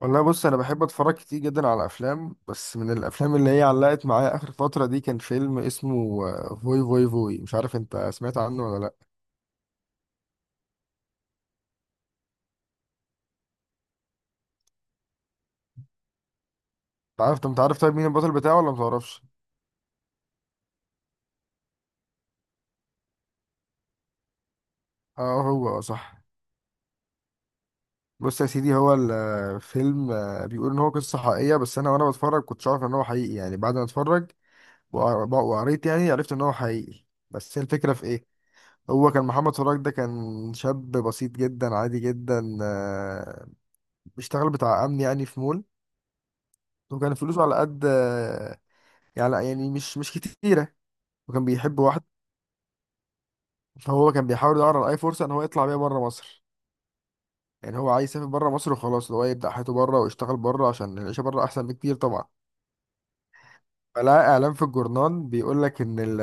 والله بص انا بحب اتفرج كتير جدا على افلام، بس من الافلام اللي هي علقت معايا اخر فتره دي كان فيلم اسمه فوي فوي فوي. مش عارف انت سمعت عنه ولا لا؟ انت عارف طيب مين البطل بتاعه ولا متعرفش؟ اه هو اه صح. بص يا سيدي، هو الفيلم بيقول ان هو قصه حقيقيه، بس انا وانا بتفرج كنتش عارف ان هو حقيقي يعني. بعد ما اتفرج وقريت يعني عرفت ان هو حقيقي. بس هي الفكره في ايه؟ هو كان محمد فراج ده كان شاب بسيط جدا عادي جدا. بيشتغل بتاع امن يعني في مول. وكان فلوسه على قد يعني، يعني مش كتيرة. وكان بيحب واحد. فهو كان بيحاول يدور على أي فرصة إن هو يطلع بيها بره مصر. يعني هو عايز يسافر بره مصر وخلاص، اللي هو يبدأ حياته بره ويشتغل بره عشان العيشة بره أحسن بكتير طبعا. فلقى إعلان في الجورنال بيقول لك إن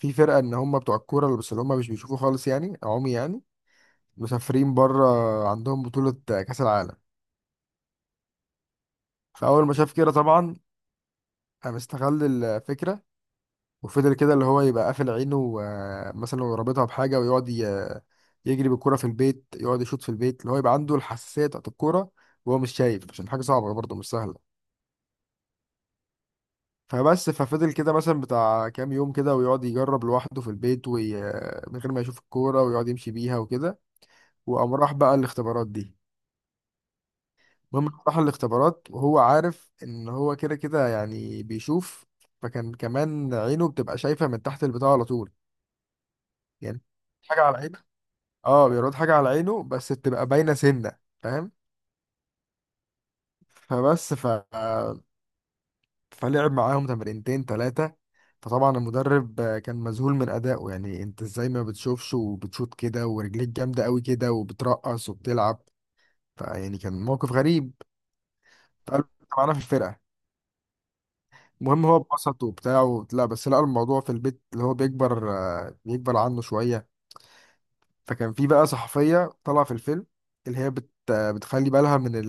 في فرقة إن هم بتوع الكورة اللي بس اللي هم مش بيشوفوا خالص، يعني عمي يعني، مسافرين بره، عندهم بطولة كأس العالم. فأول ما شاف كده طبعا قام استغل الفكرة، وفضل كده اللي هو يبقى قافل عينه مثلا لو رابطها بحاجة، ويقعد يجري بالكرة في البيت، يقعد يشوط في البيت اللي هو يبقى عنده الحساسية بتاعت الكورة وهو مش شايف، عشان حاجة صعبة برضه مش سهلة. فبس ففضل كده مثلا بتاع كام يوم كده ويقعد يجرب لوحده في البيت من غير ما يشوف الكورة، ويقعد يمشي بيها وكده. وقام راح بقى الاختبارات دي. المهم راح الاختبارات وهو عارف ان هو كده كده يعني بيشوف. فكان كمان عينه بتبقى شايفة من تحت البتاع على طول. يعني حاجة على عينه. اه بيرد حاجة على عينه بس بتبقى باينة سنة. فاهم؟ فبس ف... فلعب معاهم تمرينتين تلاتة. فطبعا المدرب كان مذهول من أدائه، يعني انت ازاي ما بتشوفش وبتشوط كده، ورجليك جامدة قوي كده وبترقص وبتلعب. فيعني كان موقف غريب. فقال له انت معانا في الفرقة. المهم هو اتبسط وبتاع لا، بس لقى الموضوع في البيت اللي هو بيكبر، بيكبر عنه شوية. فكان في بقى صحفية طالعة في الفيلم اللي هي بتخلي بالها من ال...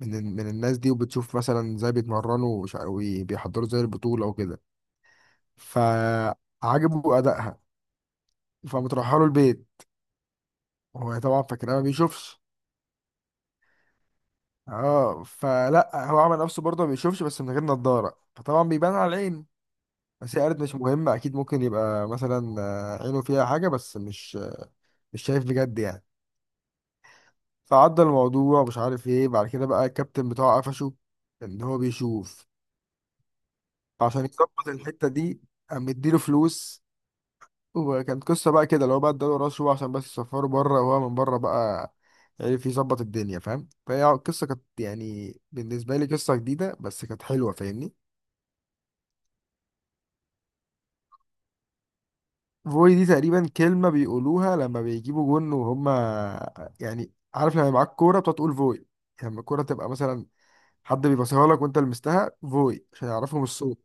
من ال... من الناس دي، وبتشوف مثلا ازاي بيتمرنوا وبيحضروا زي البطولة وكده. فعجبه أدائها. فمتروحة له البيت. هو طبعا فاكرها ما بيشوفش. اه فلا هو عمل نفسه برضه ما بيشوفش، بس من غير نظارة فطبعا بيبان على العين. بس هي قالت مش مهم، اكيد ممكن يبقى مثلا عينه فيها حاجة بس مش مش شايف بجد يعني. فعدى الموضوع مش عارف ايه، بعد كده بقى الكابتن بتاعه قفشه ان هو بيشوف. عشان يظبط الحتة دي قام مديله فلوس. وكانت قصة بقى كده اللي هو بقى اداله رشوة عشان بس يسفره بره، وهو من بره بقى عرف يظبط الدنيا. فاهم؟ فهي القصة كانت يعني بالنسبة لي قصة جديدة بس كانت حلوة، فاهمني؟ فوي دي تقريبا كلمة بيقولوها لما بيجيبوا جون، وهما يعني عارف، لما معاك كورة بتقعد تقول فوي. يعني لما الكورة تبقى مثلا حد بيبصيها لك وانت لمستها فوي عشان يعرفهم الصوت.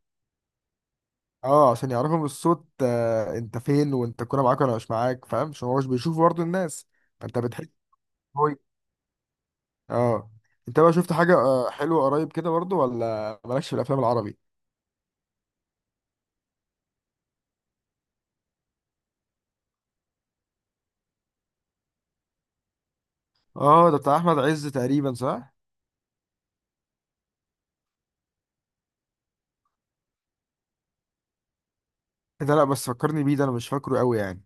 اه عشان يعرفوا من الصوت انت فين، وانت الكوره معاك ولا مش معاك. فاهم؟ عشان هو مش بيشوف برضه الناس. فانت بتحس. هو اه. انت بقى شفت حاجه حلوه قريب كده برضه، ولا مالكش في الافلام العربي؟ اه ده بتاع احمد عز تقريبا صح. إيه ده؟ لا بس فكرني بيه، ده انا مش فاكره قوي يعني.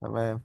تمام.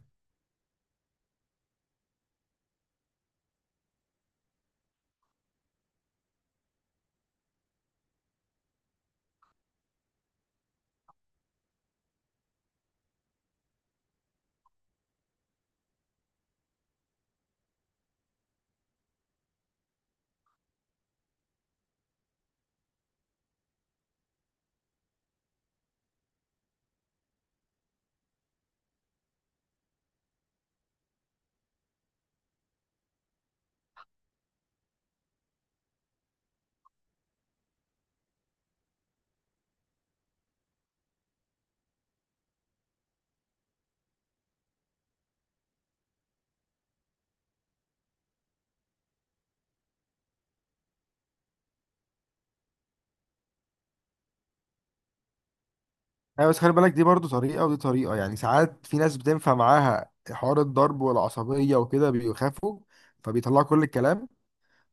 ايوه بس خلي بالك، دي برضه طريقه ودي طريقه. يعني ساعات في ناس بتنفع معاها حوار الضرب والعصبيه وكده، بيخافوا فبيطلعوا كل الكلام.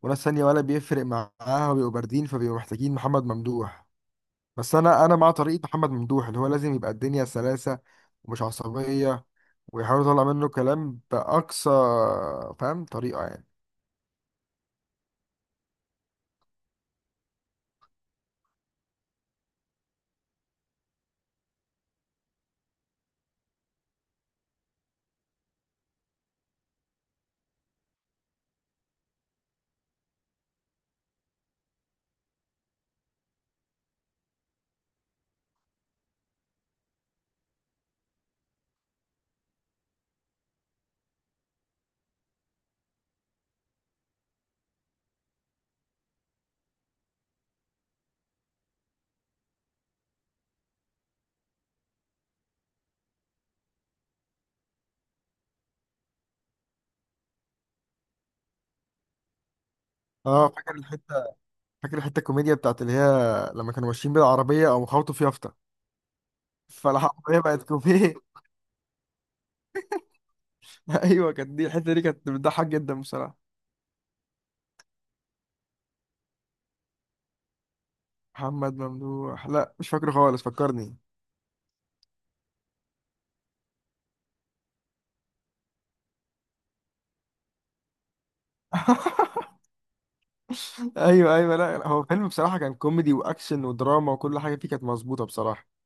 وناس تانية ولا بيفرق معاها وبيبقوا باردين، فبيبقوا محتاجين محمد ممدوح. بس انا مع طريقه محمد ممدوح، اللي هو لازم يبقى الدنيا سلاسه ومش عصبيه، ويحاول يطلع منه كلام باقصى، فاهم، طريقه يعني. اه فاكر الحته. فاكر الحته الكوميديا بتاعت اللي هي لما كانوا ماشيين بالعربيه او خبطوا في يافطه، فالعربيه بقت كوميديا. ايوه كانت دي، الحته دي كانت بتضحك جدا بصراحه. محمد ممدوح لا مش فاكره خالص، فكرني. ايوه ايوه، لا هو فيلم بصراحه كان كوميدي واكشن ودراما، وكل حاجه فيه كانت مظبوطه بصراحه.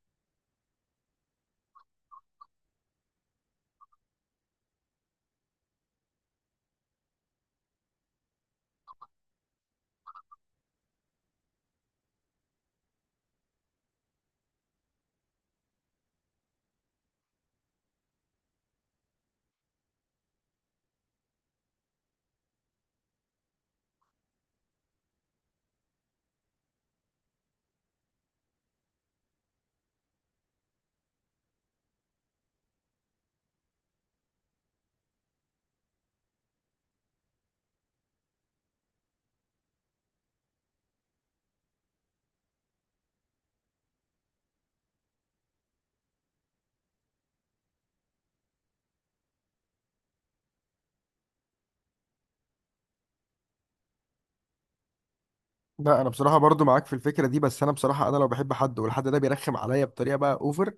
لا انا بصراحه برضو معاك في الفكره دي، بس انا بصراحه انا لو بحب حد والحد ده بيرخم عليا بطريقه بقى اوفر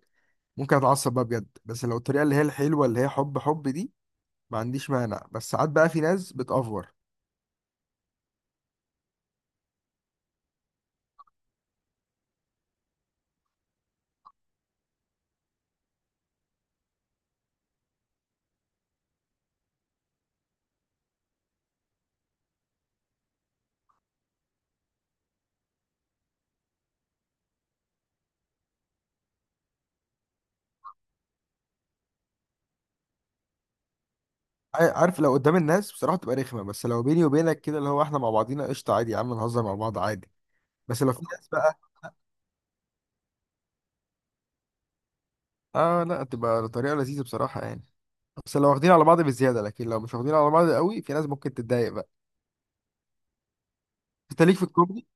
ممكن اتعصب بقى بجد. بس لو الطريقه اللي هي الحلوه اللي هي حب حب دي، ما عنديش مانع. بس ساعات بقى في ناس بتأفور. عارف لو قدام الناس بصراحه تبقى رخمه، بس لو بيني وبينك كده اللي هو احنا مع بعضينا قشطه عادي، يا عم نهزر مع بعض عادي. بس لو في ناس بقى. اه لا تبقى طريقه لذيذه بصراحه يعني، بس لو واخدين على بعض بزياده. لكن لو مش واخدين على بعض قوي في ناس ممكن تتضايق بقى. انت ليك في الكوميدي؟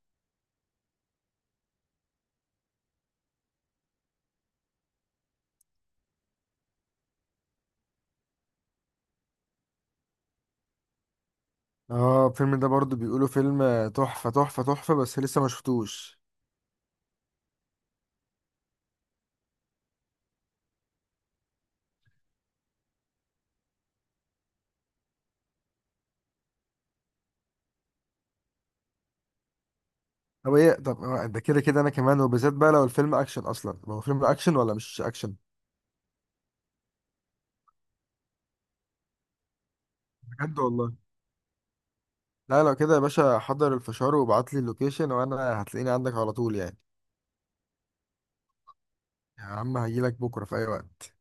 اه الفيلم ده برضو بيقولوا فيلم تحفة تحفة تحفة، بس لسه ما شفتوش. طب ايه، طب ده كده كده انا كمان، وبالذات بقى لو الفيلم اكشن اصلا. طب هو فيلم اكشن ولا مش اكشن؟ بجد والله؟ لا لو كده يا باشا حضر الفشار وابعت لي اللوكيشن وانا هتلاقيني عندك على طول يعني. يا عم هجيلك بكرة في اي وقت.